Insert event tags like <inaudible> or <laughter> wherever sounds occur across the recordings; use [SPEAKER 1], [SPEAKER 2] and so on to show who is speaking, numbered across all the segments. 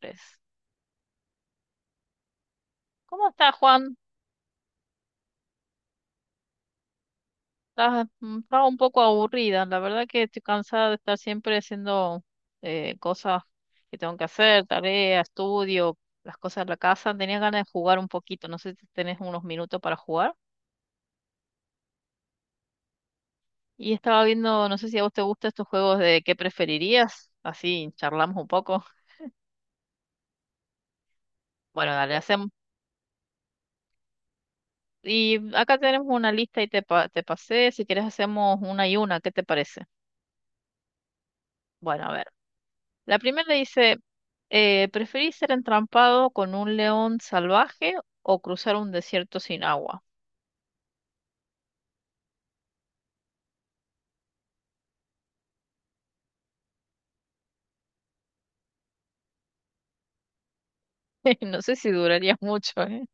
[SPEAKER 1] Tres. ¿Cómo estás, Juan? Estaba un poco aburrida. La verdad que estoy cansada de estar siempre haciendo cosas que tengo que hacer, tareas, estudio, las cosas de la casa. Tenía ganas de jugar un poquito. No sé si tenés unos minutos para jugar. Y estaba viendo, no sé si a vos te gustan estos juegos de qué preferirías. Así charlamos un poco. <laughs> Bueno, dale, hacemos. Y acá tenemos una lista y te pasé. Si querés, hacemos una y una. ¿Qué te parece? Bueno, a ver. La primera dice, ¿preferís ser entrampado con un león salvaje o cruzar un desierto sin agua? <laughs> No sé si duraría <laughs> mucho, ¿eh?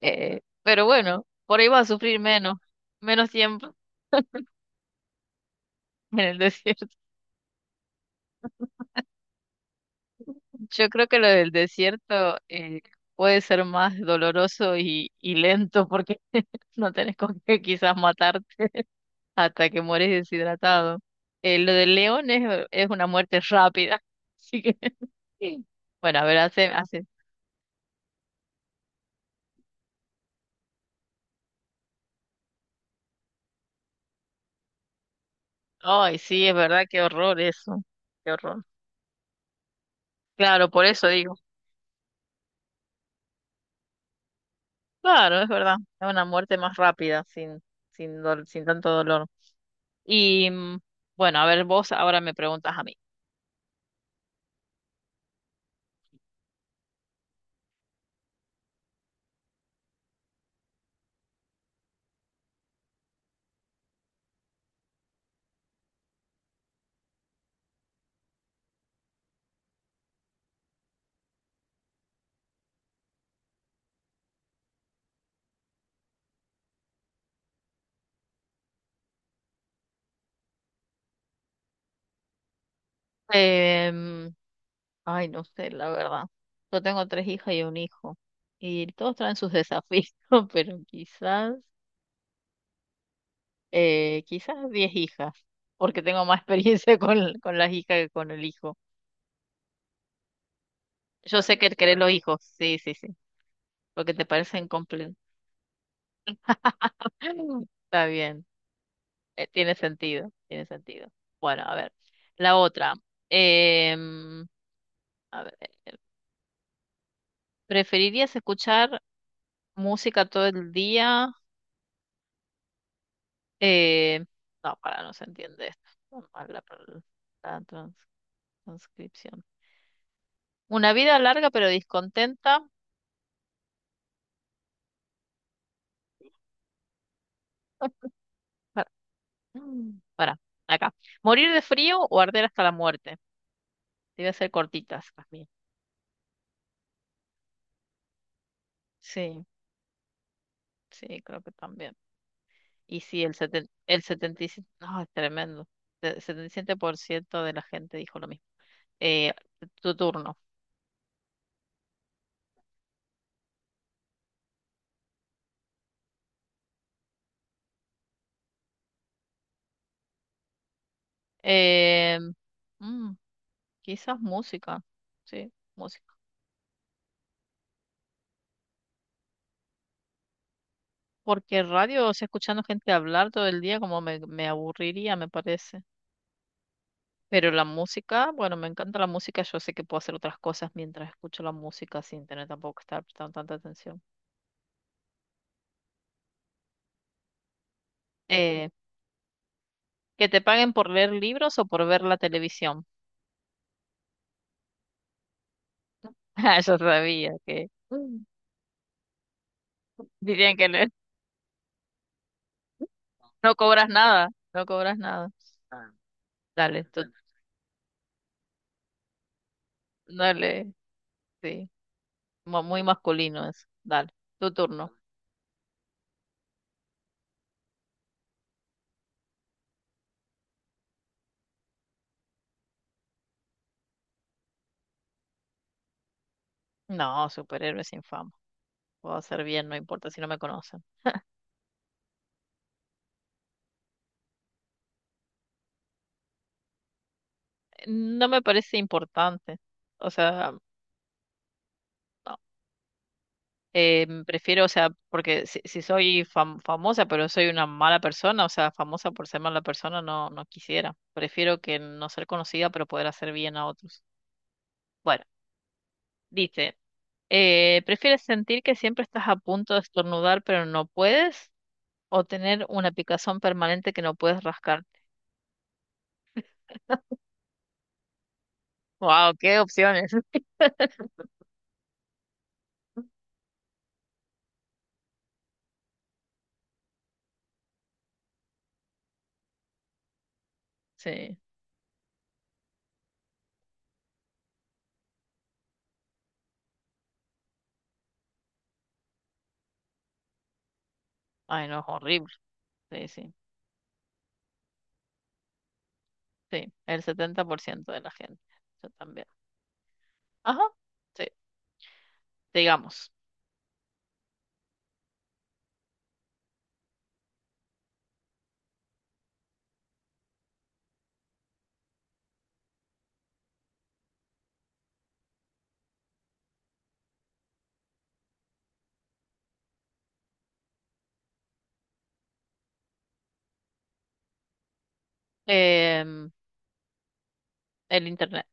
[SPEAKER 1] Pero bueno, por ahí va a sufrir menos tiempo <laughs> en el desierto. <laughs> Yo creo que lo del desierto puede ser más doloroso y lento porque <laughs> no tenés con qué quizás matarte hasta que mueres deshidratado. Lo del león es una muerte rápida, <laughs> así que... Sí. Bueno, a ver, ay, sí, es verdad, qué horror eso. Qué horror. Claro, por eso digo. Claro, es verdad. Es una muerte más rápida, sin tanto dolor. Y bueno, a ver, vos ahora me preguntas a mí. Em, Ay, no sé, la verdad. Yo tengo tres hijas y un hijo. Y todos traen sus desafíos, <laughs> pero quizás diez hijas, porque tengo más <laughs> experiencia con las hijas que con el hijo. Yo sé que querés los hijos, sí, sí, sí, porque te parecen complejos. <laughs> Está bien, tiene sentido, tiene sentido. Bueno, a ver, la otra. Em, a ver, ¿preferirías escuchar música todo el día? Eh, no, para, no se entiende esto. Está mal la transcripción. Una vida larga pero descontenta. <laughs> Para, para, acá. ¿Morir de frío o arder hasta la muerte? Debe ser cortitas también. Sí, sí, creo que también. Y sí, el 77%, no, es tremendo. El 77% de la gente dijo lo mismo. Eh, Tu turno. Eh, mm, Quizás música. Sí, música. Porque radio, o sea, escuchando gente hablar todo el día, como me aburriría, me parece. Pero la música, bueno, me encanta la música. Yo sé que puedo hacer otras cosas mientras escucho la música sin tener tampoco que estar prestando tanta atención. Eh, ¿Que te paguen por leer libros o por ver la televisión? <laughs> Ah, yo sabía que. Dirían que no, no cobras nada, no cobras nada. Ah, dale, tú, dale, sí, muy masculino eso. Dale, tu turno. No, superhéroe sin fama. Puedo hacer bien, no importa si no me conocen. No me parece importante. O sea, no. Prefiero, o sea, porque si soy famosa, pero soy una mala persona, o sea, famosa por ser mala persona, no, no quisiera. Prefiero que no ser conocida, pero poder hacer bien a otros. Bueno, dice. ¿Prefieres sentir que siempre estás a punto de estornudar pero no puedes? ¿O tener una picazón permanente que no puedes rascarte? ¡Wow! ¡Qué opciones! <laughs> Sí. Ay, no, es horrible. Sí, sí. Sí, el 70% de la gente. Yo también. Ajá. Sí, digamos. Em, el internet.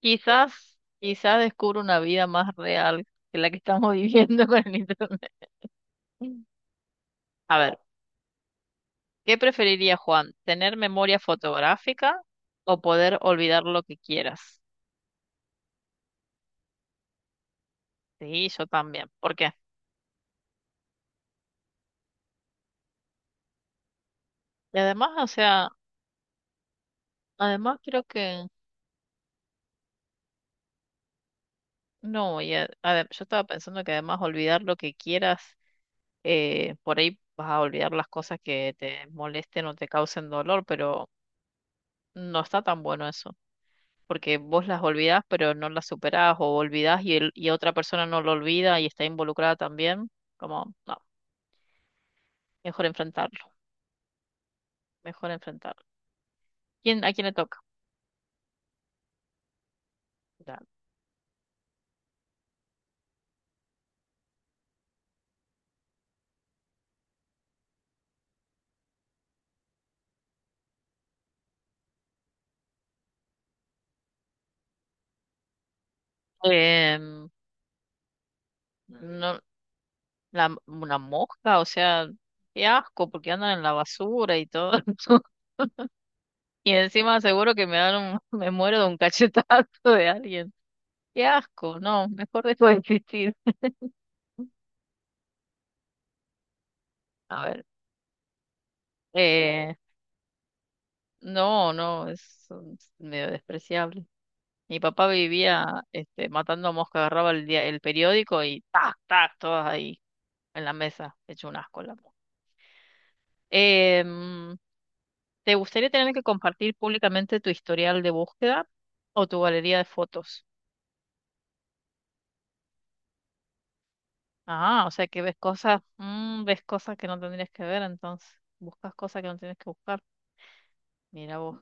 [SPEAKER 1] Quizás descubro una vida más real que la que estamos <laughs> viviendo con el internet. A ver, ¿qué preferiría Juan? ¿Tener memoria fotográfica o poder olvidar lo que quieras? Sí, yo también. ¿Por qué? Y además, o sea, además creo que no, yo estaba pensando que además olvidar lo que quieras, por ahí vas a olvidar las cosas que te molesten o te causen dolor, pero no está tan bueno eso, porque vos las olvidás pero no las superás o olvidás y otra persona no lo olvida y está involucrada también, como, no, mejor enfrentarlo, mejor enfrentarlo. ¿A quién le toca? Ya. Em, no, una mosca, o sea, qué asco, porque andan en la basura y todo. <laughs> Y encima seguro que me dan <laughs> me muero de un cachetazo de alguien. Qué asco, no, mejor dejo de existir. A ver, eh, no, no, es medio despreciable. Mi papá vivía matando mosca, agarraba el periódico y tac, tac, todas ahí en la mesa, hecho un asco la mosca. Em, ¿Te gustaría tener que compartir públicamente tu historial de búsqueda o tu galería de fotos? Ah, o sea que ves cosas que no tendrías que ver, entonces buscas cosas que no tienes que buscar. Mira vos.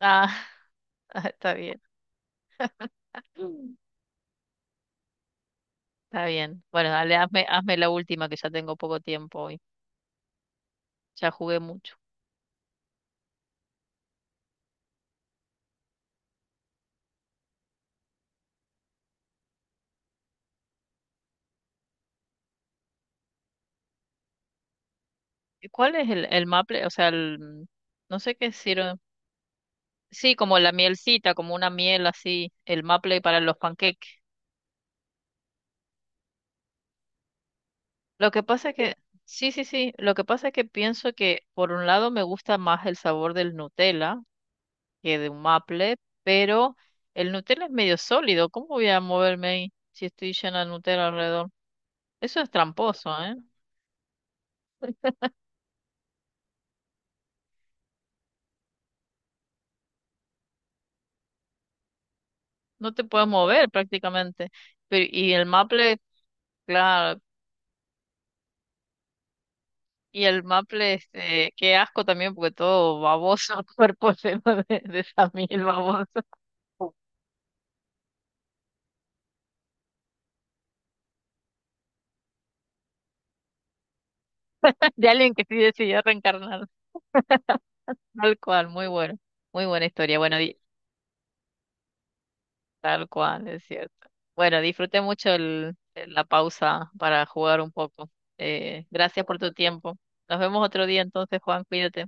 [SPEAKER 1] Ah, <laughs> está bien. Mm. Está bien. Bueno, dale, hazme la última que ya tengo poco tiempo hoy. Ya jugué mucho. ¿Y cuál es el maple? O sea, no sé qué sirve. Sí, como la mielcita, como una miel así, el maple para los panqueques. Lo que pasa es que, sí, sí, sí, lo que pasa es que pienso que por un lado me gusta más el sabor del Nutella que de un maple, pero el Nutella es medio sólido. ¿Cómo voy a moverme ahí si estoy llena de Nutella alrededor? Eso es tramposo, ¿eh? No te puedes mover prácticamente. Pero, y el maple, claro, y el maple, qué asco también, porque todo baboso, <laughs> cuerpo lleno de samil baboso, <laughs> de alguien que sí decidió reencarnar, tal cual, muy bueno, muy buena historia. Bueno, tal cual, es cierto. Bueno, disfruté mucho la pausa para jugar un poco. Gracias por tu tiempo. Nos vemos otro día entonces, Juan, cuídate.